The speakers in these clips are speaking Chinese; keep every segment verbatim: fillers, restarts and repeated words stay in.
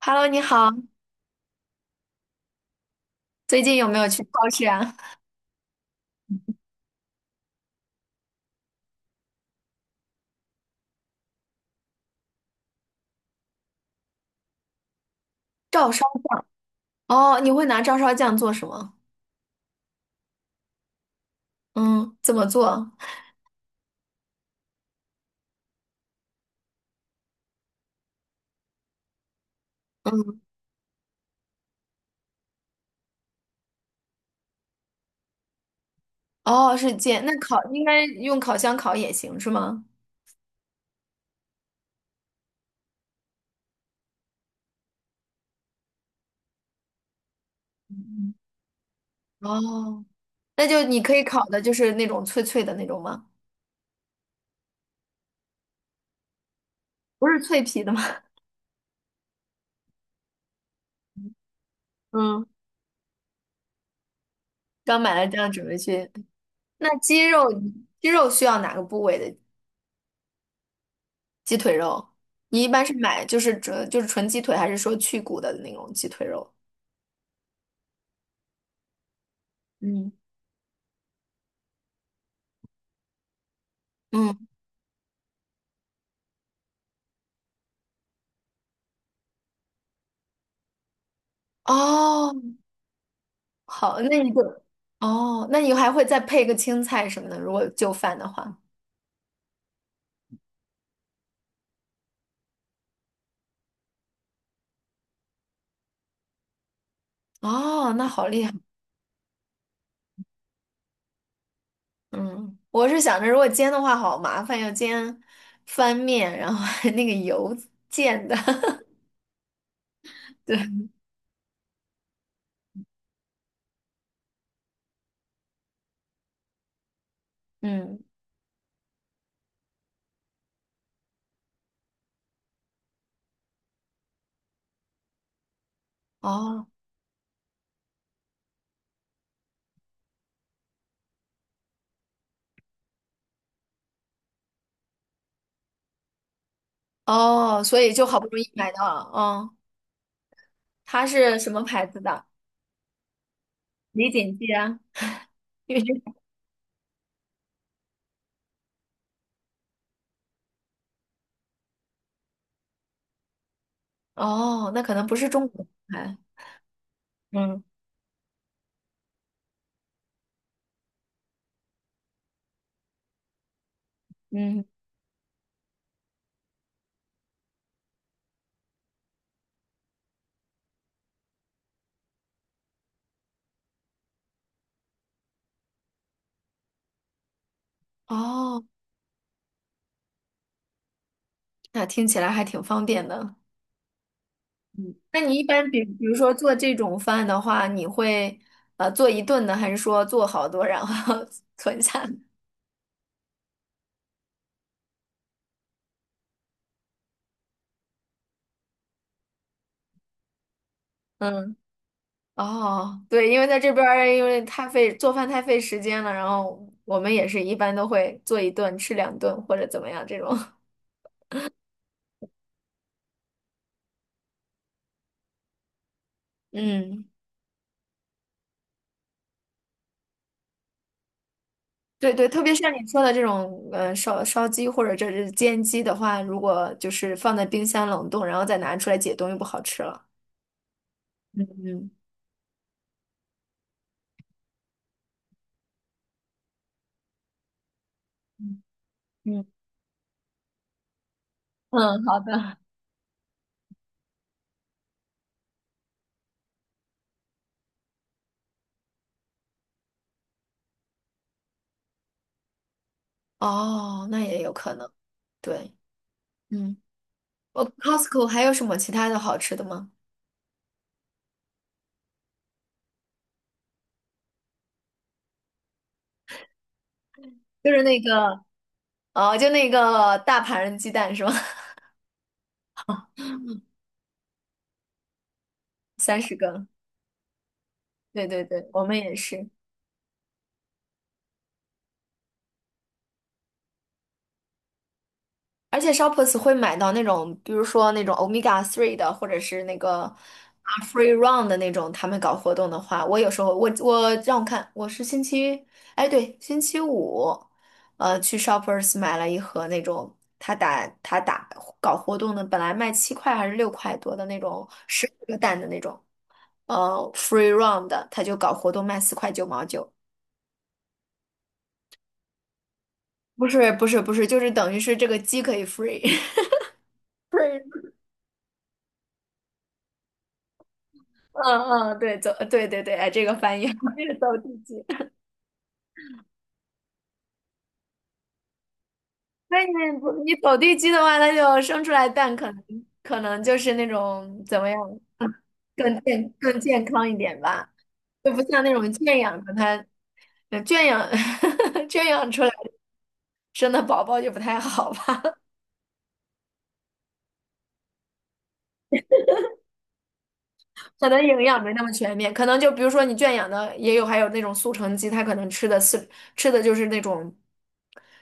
Hello，你好，最近有没有去超市啊？照烧酱哦，你会拿照烧酱做什么？嗯，怎么做？嗯，哦，是煎，那烤应该用烤箱烤也行是吗？嗯哦，那就你可以烤的就是那种脆脆的那种吗？不是脆皮的吗？嗯 刚买了这样准备去。那鸡肉，鸡肉需要哪个部位的鸡腿肉？你一般是买就是纯就是纯鸡腿，还是说去骨的那种鸡腿肉？嗯嗯，哦，好，那你就，哦，那你还会再配个青菜什么的，如果就饭的话。哦，那好厉害。嗯，我是想着如果煎的话好麻烦，要煎翻面，然后还那个油溅的。对，嗯，哦哦，所以就好不容易买到了。哦，它是什么牌子的？李锦记啊。因为 这哦，那可能不是中国牌。嗯嗯，哦，那听起来还挺方便的。那你一般比比如说做这种饭的话，你会呃做一顿呢，还是说做好多然后 存下呢嗯，哦，对，因为在这边儿因为太费做饭太费时间了，然后我们也是一般都会做一顿吃两顿或者怎么样这种。嗯，对对，特别像你说的这种呃烧烧鸡或者这是煎鸡的话，如果就是放在冰箱冷冻，然后再拿出来解冻，又不好吃了。嗯嗯嗯，嗯好的。哦，那也有可能。对，嗯，我 Costco 还有什么其他的好吃的吗？就是那个，哦，就那个大盘鸡蛋是吗？三十个。对对对，我们也是。而且 Shoppers 会买到那种，比如说那种 Omega Three 的，或者是那个啊 Free Run 的那种，他们搞活动的话，我有时候我我让我看，我是星期，哎对，星期五，呃，去 Shoppers 买了一盒那种他打他打搞活动的，本来卖七块还是六块多的那种十个蛋的那种，呃，Free Run 的，他就搞活动卖四块九毛九，不是不是不是，就是等于是这个鸡可以 free。嗯嗯，对，走，对对对，哎，这个翻译 是走地鸡。所以你不你走地鸡的话，它就生出来蛋，可能可能就是那种怎么样，更健更健康一点吧，就不像那种圈养的它，呃圈养 圈养出来生的宝宝就不太好吧。可能营养没那么全面，可能就比如说你圈养的也有，还有那种速成鸡，它可能吃的饲吃的就是那种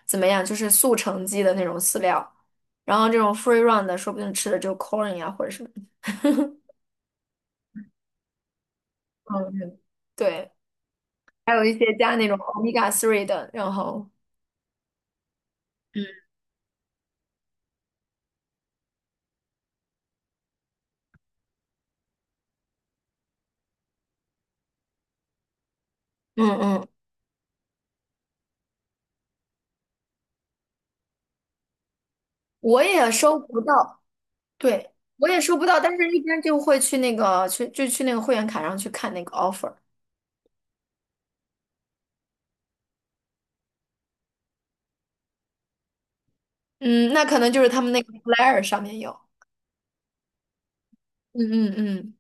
怎么样，就是速成鸡的那种饲料，然后这种 free run 的，说不定吃的就 corn 呀或者什么，嗯，嗯对，还有一些加那种 omega three 的，然后嗯嗯嗯，我也收不到，对，我也收不到，但是一般就会去那个去就去那个会员卡上去看那个 offer，嗯，那可能就是他们那个 flyer 上面有，嗯嗯嗯。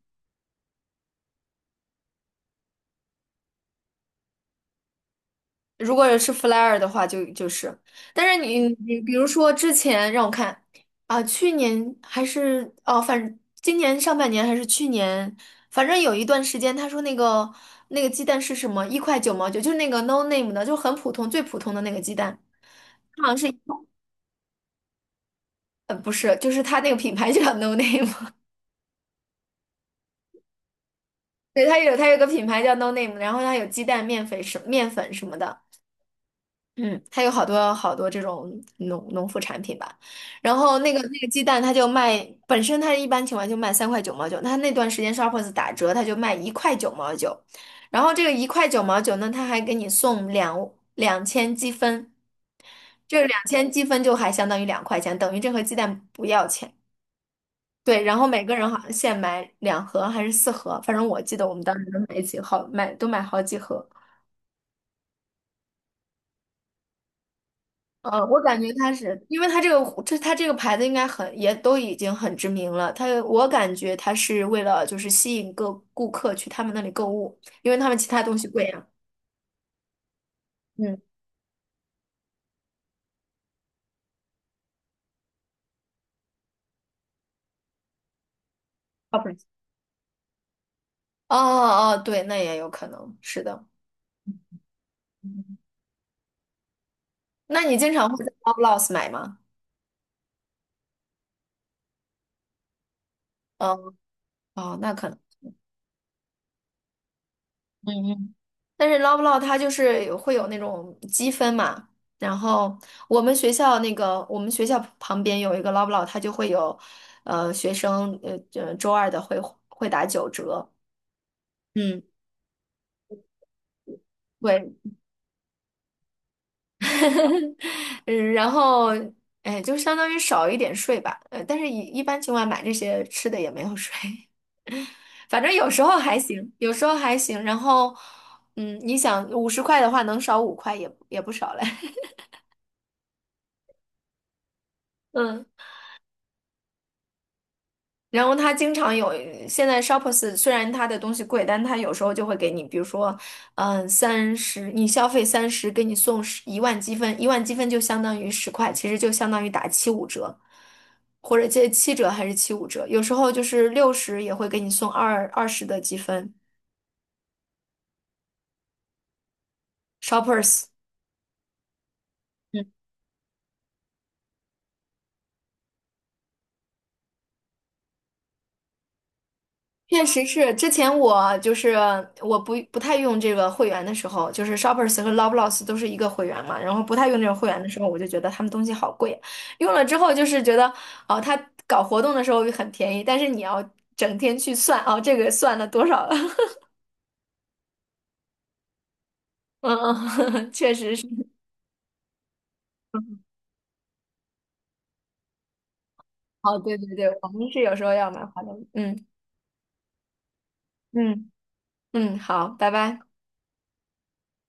如果是 flyer 的话就，就是，但是你你比如说之前让我看啊，去年还是哦，反正今年上半年还是去年，反正有一段时间，他说那个那个鸡蛋是什么，一块九毛九，就是那个 no name 的，就很普通最普通的那个鸡蛋，好像是呃不是，就是它那个品牌就叫 no name，对，它有它有个品牌叫 no name，然后它有鸡蛋、面粉什面粉什么的，嗯，它有好多好多这种农农副产品吧，然后那个那个鸡蛋，它就卖，本身它一般情况就卖三块九毛九，它那段时间 Shoppers 打折，它就卖一块九毛九，然后这个一块九毛九呢，它还给你送两两千积分，这两千积分就还相当于两块钱，等于这盒鸡蛋不要钱。对，然后每个人好像限买两盒还是四盒，反正我记得我们当时都买几好买都买好几盒。嗯，我感觉它是，因为它这个这它这个牌子应该很也都已经很知名了。它我感觉它是为了就是吸引各顾客去他们那里购物，因为他们其他东西贵呀。嗯，好吧哦哦，对，那也有可能是的。那你经常会在 Loblaws 买吗？嗯，哦，那可能。嗯嗯但是捞不捞 l 它就是有会有那种积分嘛，然后我们学校那个我们学校旁边有一个捞不捞，l 它就会有，呃，学生呃呃周二的会会打九折，嗯，对，嗯，然后哎就相当于少一点税吧，呃，但是一一般情况买这些吃的也没有税，反正有时候还行，有时候还行，然后嗯，你想五十块的话能少五块也也不少嘞，嗯。然后他经常有，现在 Shops p e r 虽然他的东西贵，但他有时候就会给你，比如说，嗯，三十，你消费三十，给你送十一万积分，一万积分就相当于十块，其实就相当于打七五折，或者这七折还是七五折，有时候就是六十也会给你送二二十的积分，Shoppers。嗯。确实是，之前我就是我不不太用这个会员的时候，就是 Shoppers 和 l o v e l a w s 都是一个会员嘛，然后不太用这种会员的时候，我就觉得他们东西好贵，用了之后就是觉得哦，他搞活动的时候很便宜，但是你要整天去算哦，这个算了多少了，嗯，嗯，确实是，哦，对对对，我们是有时候要买化妆品。嗯嗯嗯，好，拜拜。